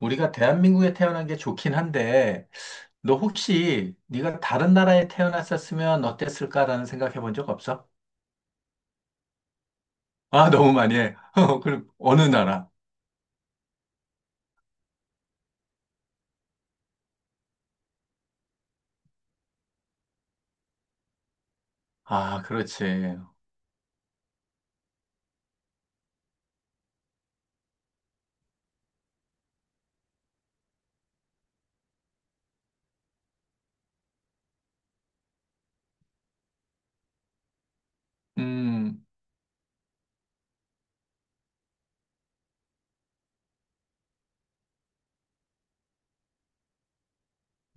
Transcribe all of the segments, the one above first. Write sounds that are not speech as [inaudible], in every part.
우리가 대한민국에 태어난 게 좋긴 한데, 너 혹시 네가 다른 나라에 태어났었으면 어땠을까라는 생각해 본 적 없어? 아, 너무 많이 해. [laughs] 그럼 어느 나라? 아, 그렇지. 음,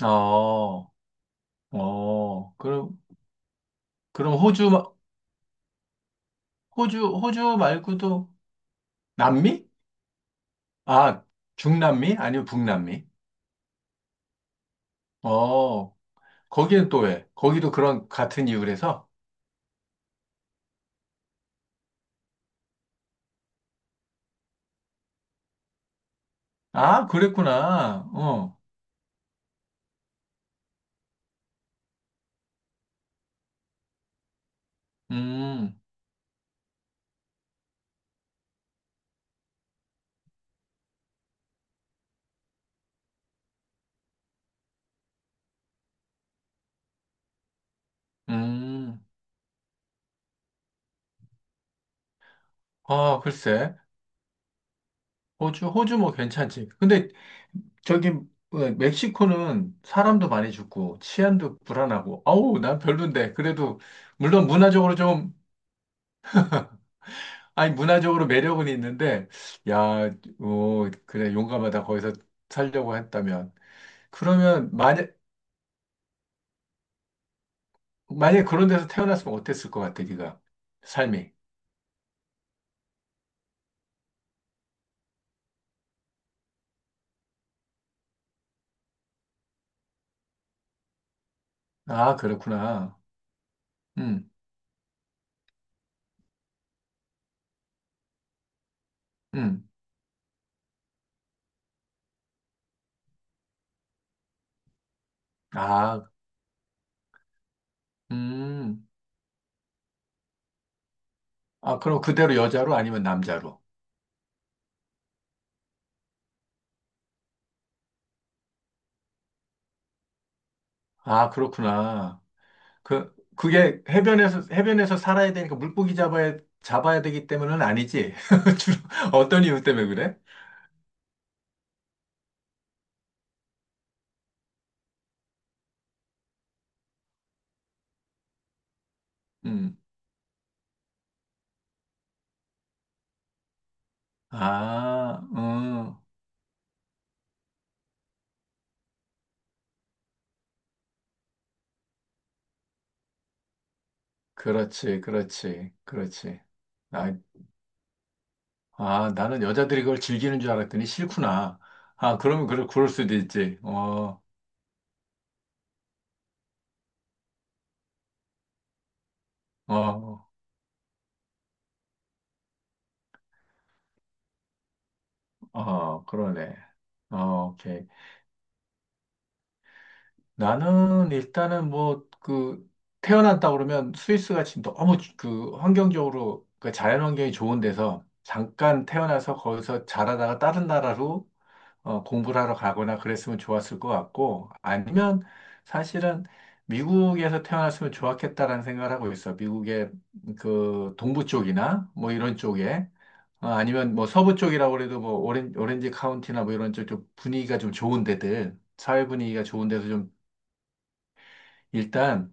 어, 어, 그럼, 그럼 호주, 호주, 호주 말고도 남미? 아, 중남미? 아니면 북남미? 어, 거기는 또 왜? 거기도 그런 같은 이유래서? 아, 그랬구나. 어, 음, 음. 아, 글쎄. 호주, 호주 뭐 괜찮지. 근데 저기 어, 멕시코는 사람도 많이 죽고 치안도 불안하고 아우 난 별론데 그래도 물론 문화적으로 좀 아니 문화적으로 매력은 있는데 야 오, 그래 용감하다 거기서 살려고 했다면 그러면 만약 만약 그런 데서 태어났으면 어땠을 것 같아 네가 삶이 아 그렇구나 음음아음아 그럼 그대로 여자로 아니면 남자로 아 그렇구나 그, 그게 해변에서, 해변에서 살아야 되니까 물고기 잡아야, 잡아야 되기 때문은 아니지. [laughs] 주로 어떤 이유 때문에 그래? 음. 아, 그렇지, 그렇지, 그렇지. 아, 아, 나는 여자들이 그걸 즐기는 줄 알았더니 싫구나. 아, 그러면 그럴 수도 있지. 어, 어, 어, 그러네. 어, 오케이. 나는 일단은 뭐 그 태어났다 그러면 스위스가 지금 너무 그 환경적으로 그 자연 환경이 좋은 데서 잠깐 태어나서 거기서 자라다가 다른 나라로 어, 공부를 하러 가거나 그랬으면 좋았을 것 같고 아니면 사실은 미국에서 태어났으면 좋았겠다라는 생각을 하고 있어. 미국의 그 동부 쪽이나 뭐 이런 쪽에 어, 아니면 뭐 서부 쪽이라고 그래도 뭐 오렌지 카운티나 뭐 이런 쪽좀 분위기가 좀 좋은 데들 사회 분위기가 좋은 데서 좀 일단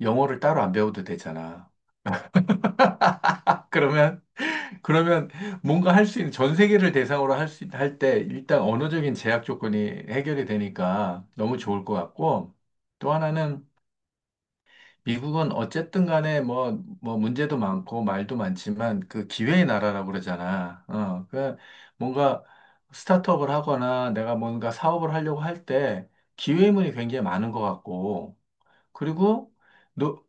영어를 따로 안 배워도 되잖아. 그러면 그러면 뭔가 할 수 있는 전 세계를 대상으로 할 수 할 때 일단 언어적인 제약 조건이 해결이 되니까 너무 좋을 것 같고 또 하나는 미국은 어쨌든 간에 뭐 뭐 문제도 많고 말도 많지만 그 기회의 나라라고 그러잖아. 어, 그 뭔가 스타트업을 하거나 내가 뭔가 사업을 하려고 할 때 기회문이 굉장히 많은 것 같고 그리고 노-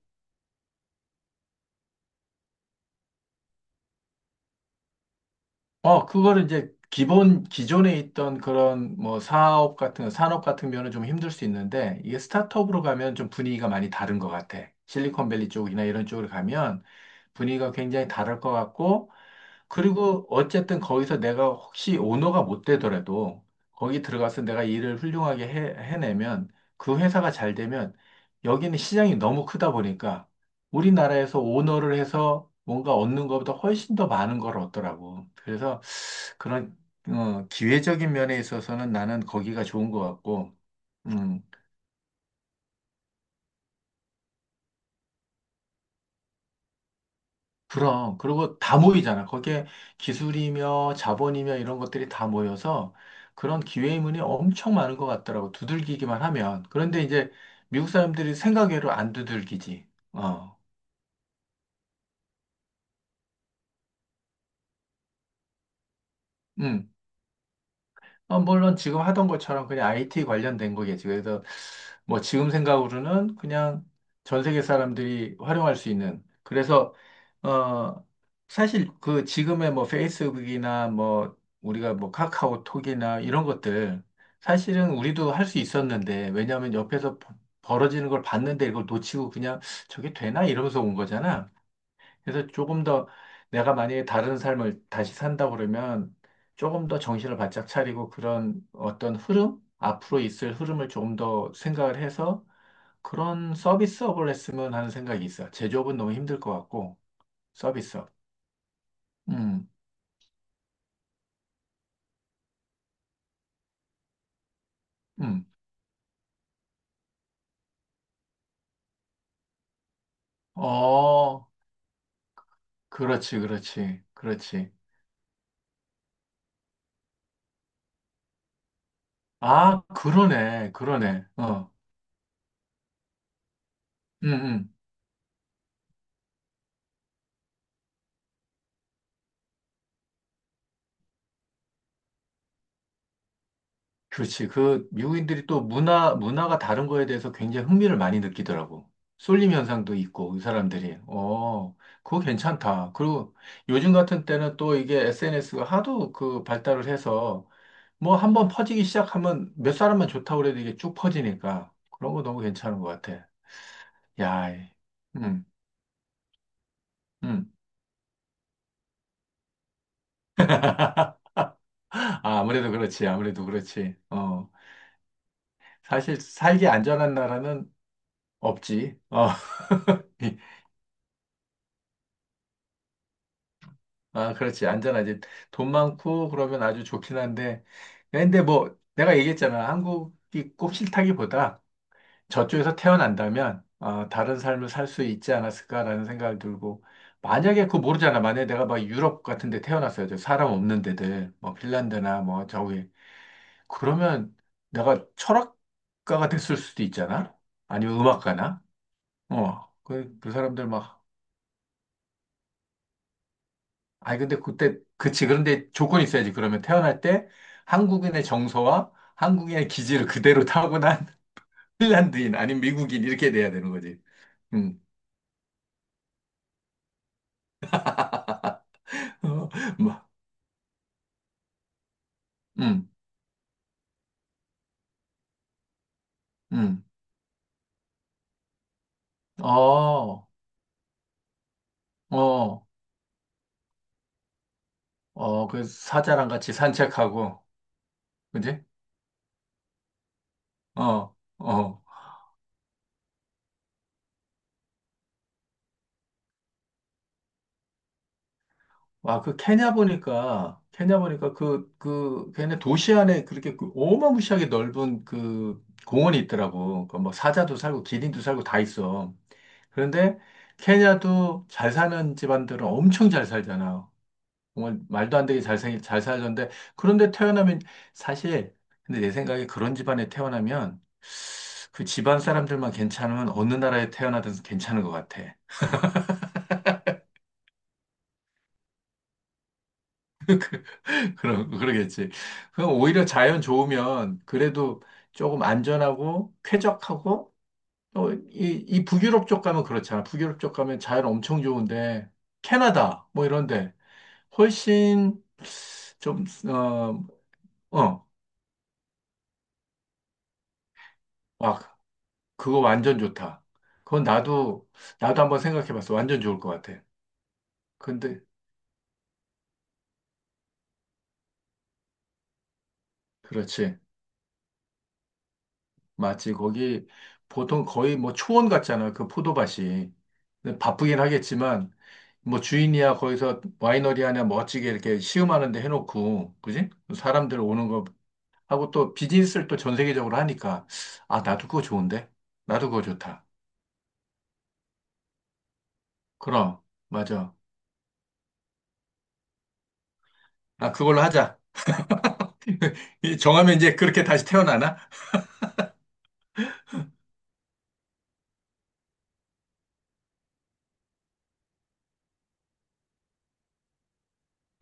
어, 그거를 이제 기존에 있던 그런 뭐 사업 같은, 산업 같은 면은 좀 힘들 수 있는데, 이게 스타트업으로 가면 좀 분위기가 많이 다른 것 같아. 실리콘밸리 쪽이나 이런 쪽으로 가면 분위기가 굉장히 다를 것 같고, 그리고 어쨌든 거기서 내가 혹시 오너가 못 되더라도, 거기 들어가서 내가 일을 훌륭하게 해내면, 그 회사가 잘 되면, 여기는 시장이 너무 크다 보니까, 우리나라에서 오너를 해서 뭔가 얻는 것보다 훨씬 더 많은 걸 얻더라고. 그래서 그런 어, 기회적인 면에 있어서는 나는 거기가 좋은 것 같고, 음, 그럼 그리고 다 모이잖아. 거기에 기술이며 자본이며 이런 것들이 다 모여서 그런 기회의문이 엄청 많은 것 같더라고. 두들기기만 하면. 그런데 이제 미국 사람들이 생각외로 안 두들기지. 어, 음. 어, 물론 지금 하던 것처럼 그냥 IT 관련된 거겠지. 그래서 뭐 지금 생각으로는 그냥 전 세계 사람들이 활용할 수 있는. 그래서, 어, 사실 그 지금의 뭐 페이스북이나 뭐 우리가 뭐 카카오톡이나 이런 것들 사실은 우리도 할 수 있었는데 왜냐하면 옆에서 벌어지는 걸 봤는데 이걸 놓치고 그냥 저게 되나? 이러면서 온 거잖아. 그래서 조금 더 내가 만약에 다른 삶을 다시 산다 그러면 조금 더 정신을 바짝 차리고 그런 어떤 흐름, 앞으로 있을 흐름을 조금 더 생각을 해서 그런 서비스업을 했으면 하는 생각이 있어. 제조업은 너무 힘들 것 같고, 서비스업. 음, 음. 어, 그렇지, 그렇지, 그렇지. 아, 그러네, 그러네. 어, 음, 음. 그렇지. 그 미국인들이 또 문화, 문화가 다른 거에 대해서 굉장히 흥미를 많이 느끼더라고. 쏠림 현상도 있고, 이 사람들이. 어, 그거 괜찮다. 그리고 요즘 같은 때는 또 이게 SNS가 하도 그 발달을 해서 뭐 한 번 퍼지기 시작하면 몇 사람만 좋다고 그래도 이게 쭉 퍼지니까 그런 거 너무 괜찮은 것 같아. 야, 음, 음. 아, 아무래도 그렇지. 아무래도 그렇지. 어, 사실 살기 안전한 나라는 없지. 어, [laughs] 아, 그렇지. 안전하지. 돈 많고 그러면 아주 좋긴 한데. 근데 뭐 내가 얘기했잖아. 한국이 꼭 싫다기보다 저쪽에서 태어난다면 어, 다른 삶을 살 수 있지 않았을까라는 생각이 들고 만약에 그거 모르잖아. 만약에 내가 막 유럽 같은 데 태어났어요. 저 사람 없는 데들. 뭐 핀란드나 뭐 저기. 그러면 내가 철학가가 됐을 수도 있잖아. 아니면 음악가나. 어. 그, 그 사람들 막 아니, 근데 그때, 그치. 그런데 조건이 있어야지. 그러면 태어날 때 한국인의 정서와 한국인의 기질을 그대로 타고난 [laughs] 핀란드인, 아니면 미국인, 이렇게 돼야 되는 거지. 음, 어, 막, 음, 음, 어, 어, 어, 그 사자랑 같이 산책하고, 그지? 어, 어. 아 그 케냐 보니까, 케냐 보니까 그, 그, 걔네 도시 안에 그렇게 그 어마무시하게 넓은 그 공원이 있더라고. 그뭐 사자도 살고, 기린도 살고 다 있어. 그런데 케냐도 잘 사는 집안들은 엄청 잘 살잖아. 정말 말도 안 되게 잘 살던데 그런데 태어나면 사실 근데 내 생각에 그런 집안에 태어나면 그 집안 사람들만 괜찮으면 어느 나라에 태어나든 괜찮은 것 같아. [laughs] 그러겠지. 그럼 오히려 자연 좋으면 그래도 조금 안전하고 쾌적하고 또 이 북유럽 쪽 가면 그렇잖아. 북유럽 쪽 가면 자연 엄청 좋은데 캐나다 뭐 이런데 훨씬 좀, 어, 어, 와, 그거 완전 좋다. 그건 나도, 나도 한번 생각해 봤어. 완전 좋을 것 같아. 근데, 그렇지. 맞지. 거기 보통 거의 뭐 초원 같잖아. 그 포도밭이. 근데 바쁘긴 하겠지만, 뭐 주인이야 거기서 와이너리 하나 멋지게 이렇게 시음하는 데 해놓고, 그지? 사람들 오는 거 하고 또 비즈니스를 또 전 세계적으로 하니까, 아, 나도 그거 좋은데? 나도 그거 좋다. 그럼, 맞아. 아, 그걸로 하자. [laughs] 이 정하면 이제 그렇게 다시 태어나나?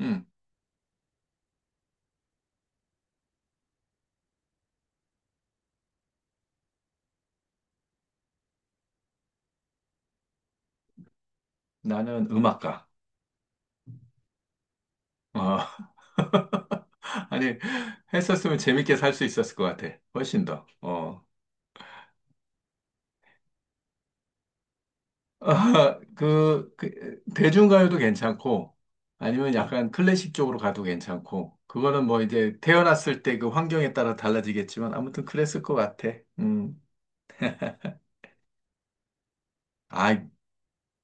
음, 나는 음악가. 어. [laughs] 아니, 했었으면 재밌게 살 수 있었을 것 같아. 훨씬 더. 어. [laughs] 아, 그, 그, 대중가요도 괜찮고, 아니면 약간 클래식 쪽으로 가도 괜찮고, 그거는 뭐 이제 태어났을 때 그 환경에 따라 달라지겠지만, 아무튼 그랬을 것 같아. 음. 아이,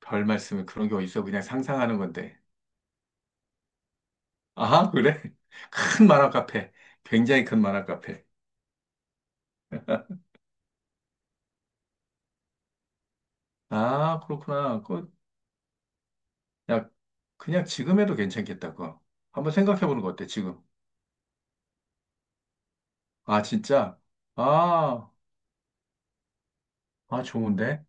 별 말씀을 그런 게 어딨어. 그냥 상상하는 건데. 아하, 그래? [laughs] 큰 만화 카페. 굉장히 큰 만화 카페. 아, 그렇구나. 그, 야, 그냥 지금 해도 괜찮겠다, 그거. 한번 생각해 보는 거 어때, 지금? 아, 진짜? 아, 아, 좋은데?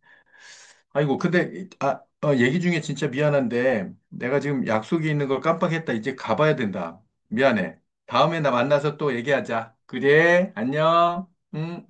아이고, 근데, 아, 어, 얘기 중에 진짜 미안한데, 내가 지금 약속이 있는 걸 깜빡했다. 이제 가봐야 된다. 미안해. 다음에 나 만나서 또 얘기하자. 그래, 안녕. 응.